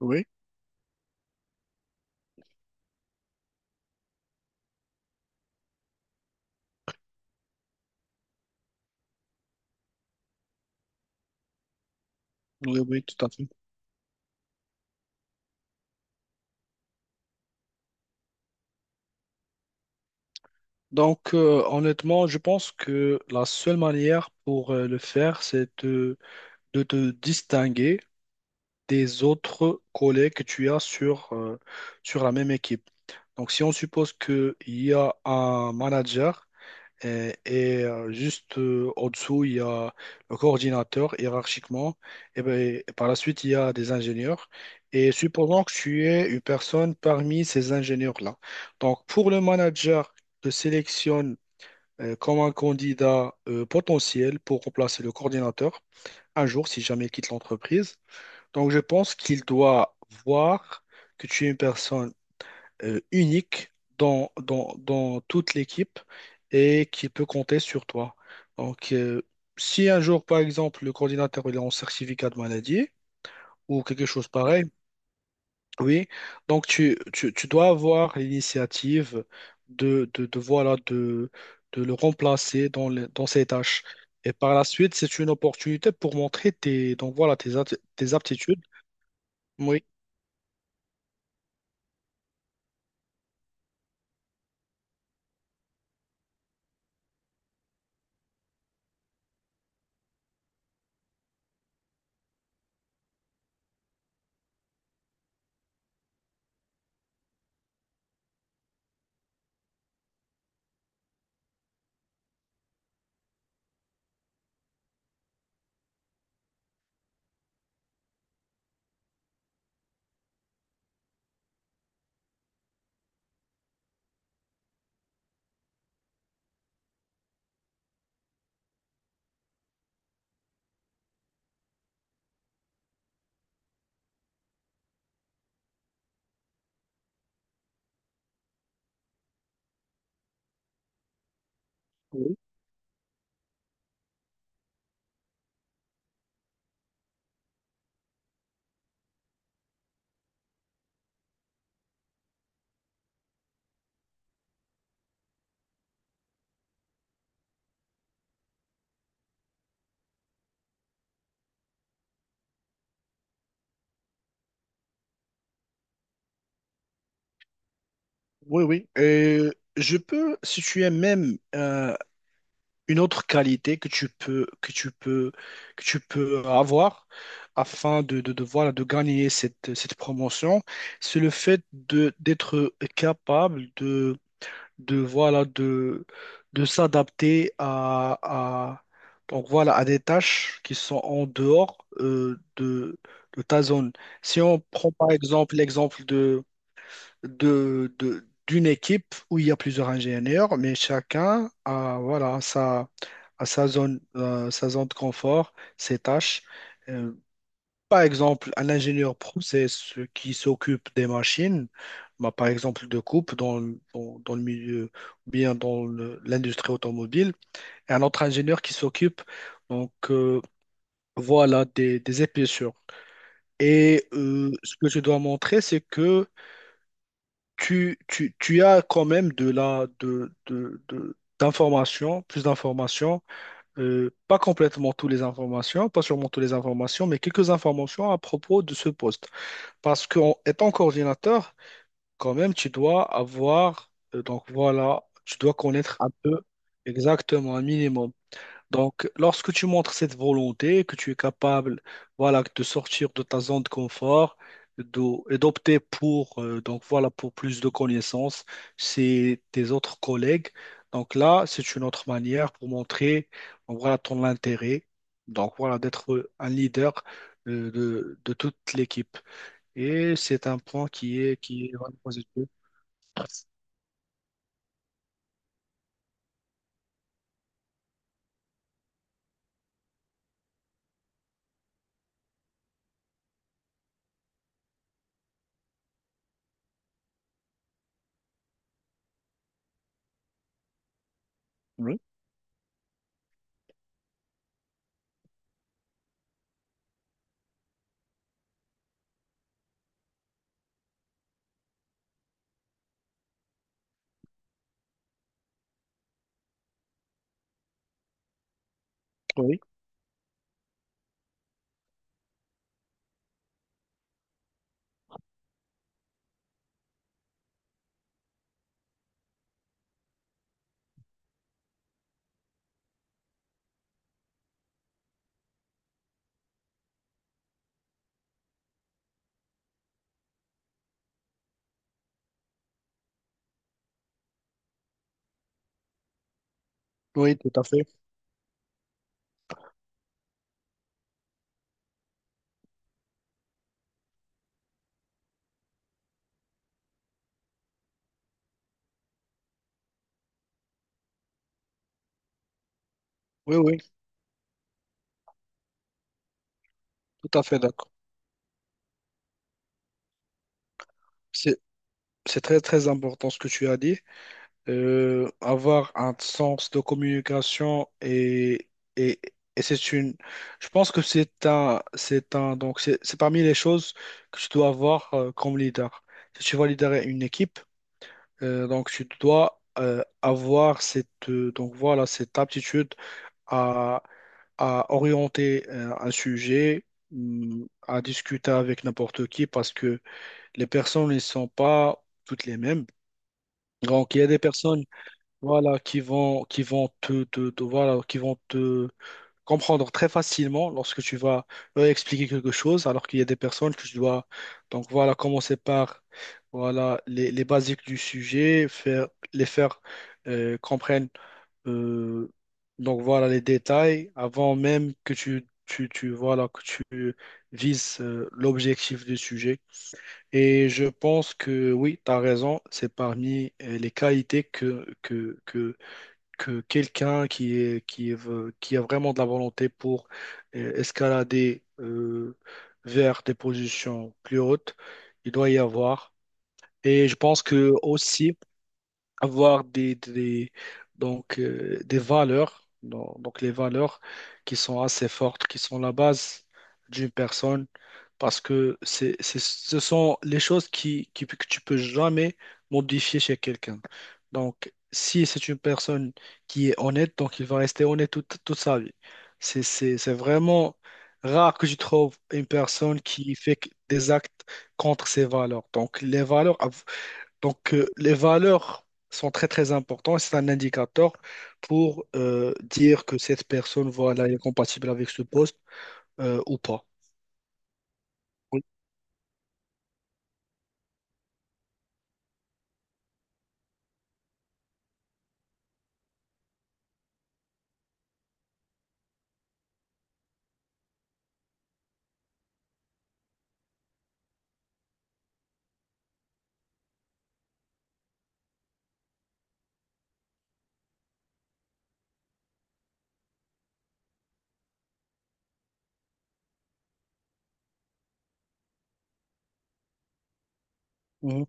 Oui, oui, tout à fait. Donc, honnêtement, je pense que la seule manière pour le faire, c'est de te distinguer des autres collègues que tu as sur, sur la même équipe. Donc, si on suppose qu'il y a un manager. Juste au-dessous, il y a le coordinateur hiérarchiquement. Et, ben, et par la suite, il y a des ingénieurs. Et supposons que tu es une personne parmi ces ingénieurs-là. Donc, pour le manager te sélectionne comme un candidat potentiel pour remplacer le coordinateur un jour, si jamais il quitte l'entreprise. Donc, je pense qu'il doit voir que tu es une personne unique dans, dans, toute l'équipe et qui peut compter sur toi. Donc, si un jour, par exemple, le coordinateur il est en certificat de maladie ou quelque chose pareil, oui, donc tu dois avoir l'initiative de, voilà, de le remplacer dans, dans ses tâches. Et par la suite, c'est une opportunité pour montrer tes, donc voilà, tes, tes aptitudes. Oui, oui, oui, oui. Et je peux, si tu es même une autre qualité que tu peux, que tu peux avoir afin de, voilà, de gagner cette promotion, c'est le fait de, d'être capable de, voilà, de s'adapter à, donc voilà, à des tâches qui sont en dehors de ta zone. Si on prend par exemple l'exemple d'une équipe où il y a plusieurs ingénieurs, mais chacun a, voilà, sa, a sa zone de confort, ses tâches. Euh, Par exemple, un ingénieur process qui s'occupe des machines, bah, par exemple de coupe dans, dans, dans le milieu ou bien dans l'industrie automobile, et un autre ingénieur qui s'occupe donc voilà des épaisseurs. Et ce que je dois montrer, c'est que tu as quand même de la, d'informations, plus d'informations, pas complètement toutes les informations, pas sûrement toutes les informations, mais quelques informations à propos de ce poste. Parce qu'en étant coordinateur, quand même, tu dois avoir, donc voilà, tu dois connaître un peu exactement, un minimum. Donc, lorsque tu montres cette volonté, que tu es capable, voilà, de sortir de ta zone de confort et d'opter pour, donc voilà, pour plus de connaissances, c'est tes autres collègues. Donc là, c'est une autre manière pour montrer, donc voilà, ton intérêt. Donc voilà, d'être un leader de toute l'équipe. Et c'est un point qui est vraiment positif. Oui, oui, oui, tout à fait. Oui, oui, tout à fait d'accord. C'est, c'est très, très important ce que tu as dit. Avoir un sens de communication et, et c'est une je pense que c'est un donc c'est parmi les choses que tu dois avoir comme leader. Si tu vas leader une équipe, donc tu dois avoir cette donc voilà cette aptitude à à orienter un sujet, à discuter avec n'importe qui parce que les personnes ne sont pas toutes les mêmes. Donc, il y a des personnes voilà, qui vont te, te- te- voilà, qui vont te comprendre très facilement lorsque tu vas leur expliquer quelque chose, alors qu'il y a des personnes que je dois, donc voilà, commencer par, voilà, les basiques du sujet, faire, les faire comprendre, euh, donc voilà, les détails avant même que tu voilà, que tu vises l'objectif du sujet. Et je pense que oui, tu as raison, c'est parmi les qualités que quelqu'un qui a vraiment de la volonté pour escalader vers des positions plus hautes, il doit y avoir. Et je pense que aussi, avoir donc, des valeurs, donc les valeurs qui sont assez fortes, qui sont la base d'une personne, parce que ce sont les choses que tu peux jamais modifier chez quelqu'un. Donc, si c'est une personne qui est honnête, donc il va rester honnête toute, toute sa vie. C'est vraiment rare que je trouve une personne qui fait des actes contre ses valeurs. Donc, les valeurs, donc, les valeurs sont très, très importantes. C'est un indicateur pour dire que cette personne, voilà, elle est compatible avec ce poste ou pas. Oui, mhm,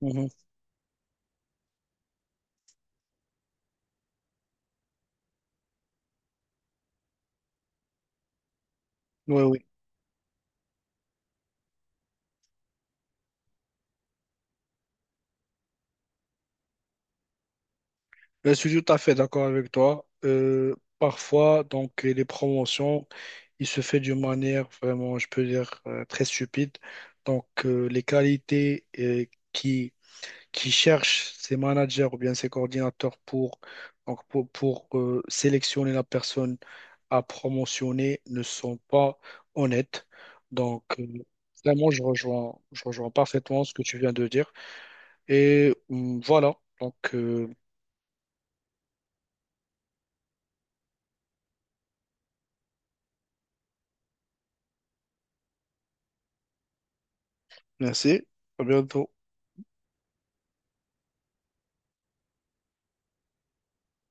mhm. Oui, oui. Je suis tout à fait d'accord avec toi. Parfois, donc, les promotions, il se fait d'une manière vraiment, je peux dire, très stupide. Donc, les qualités qui cherchent ses managers ou bien ses coordinateurs pour, donc pour, sélectionner la personne à promotionner ne sont pas honnêtes. Donc, vraiment, je rejoins parfaitement ce que tu viens de dire. Et voilà, donc merci, à bientôt.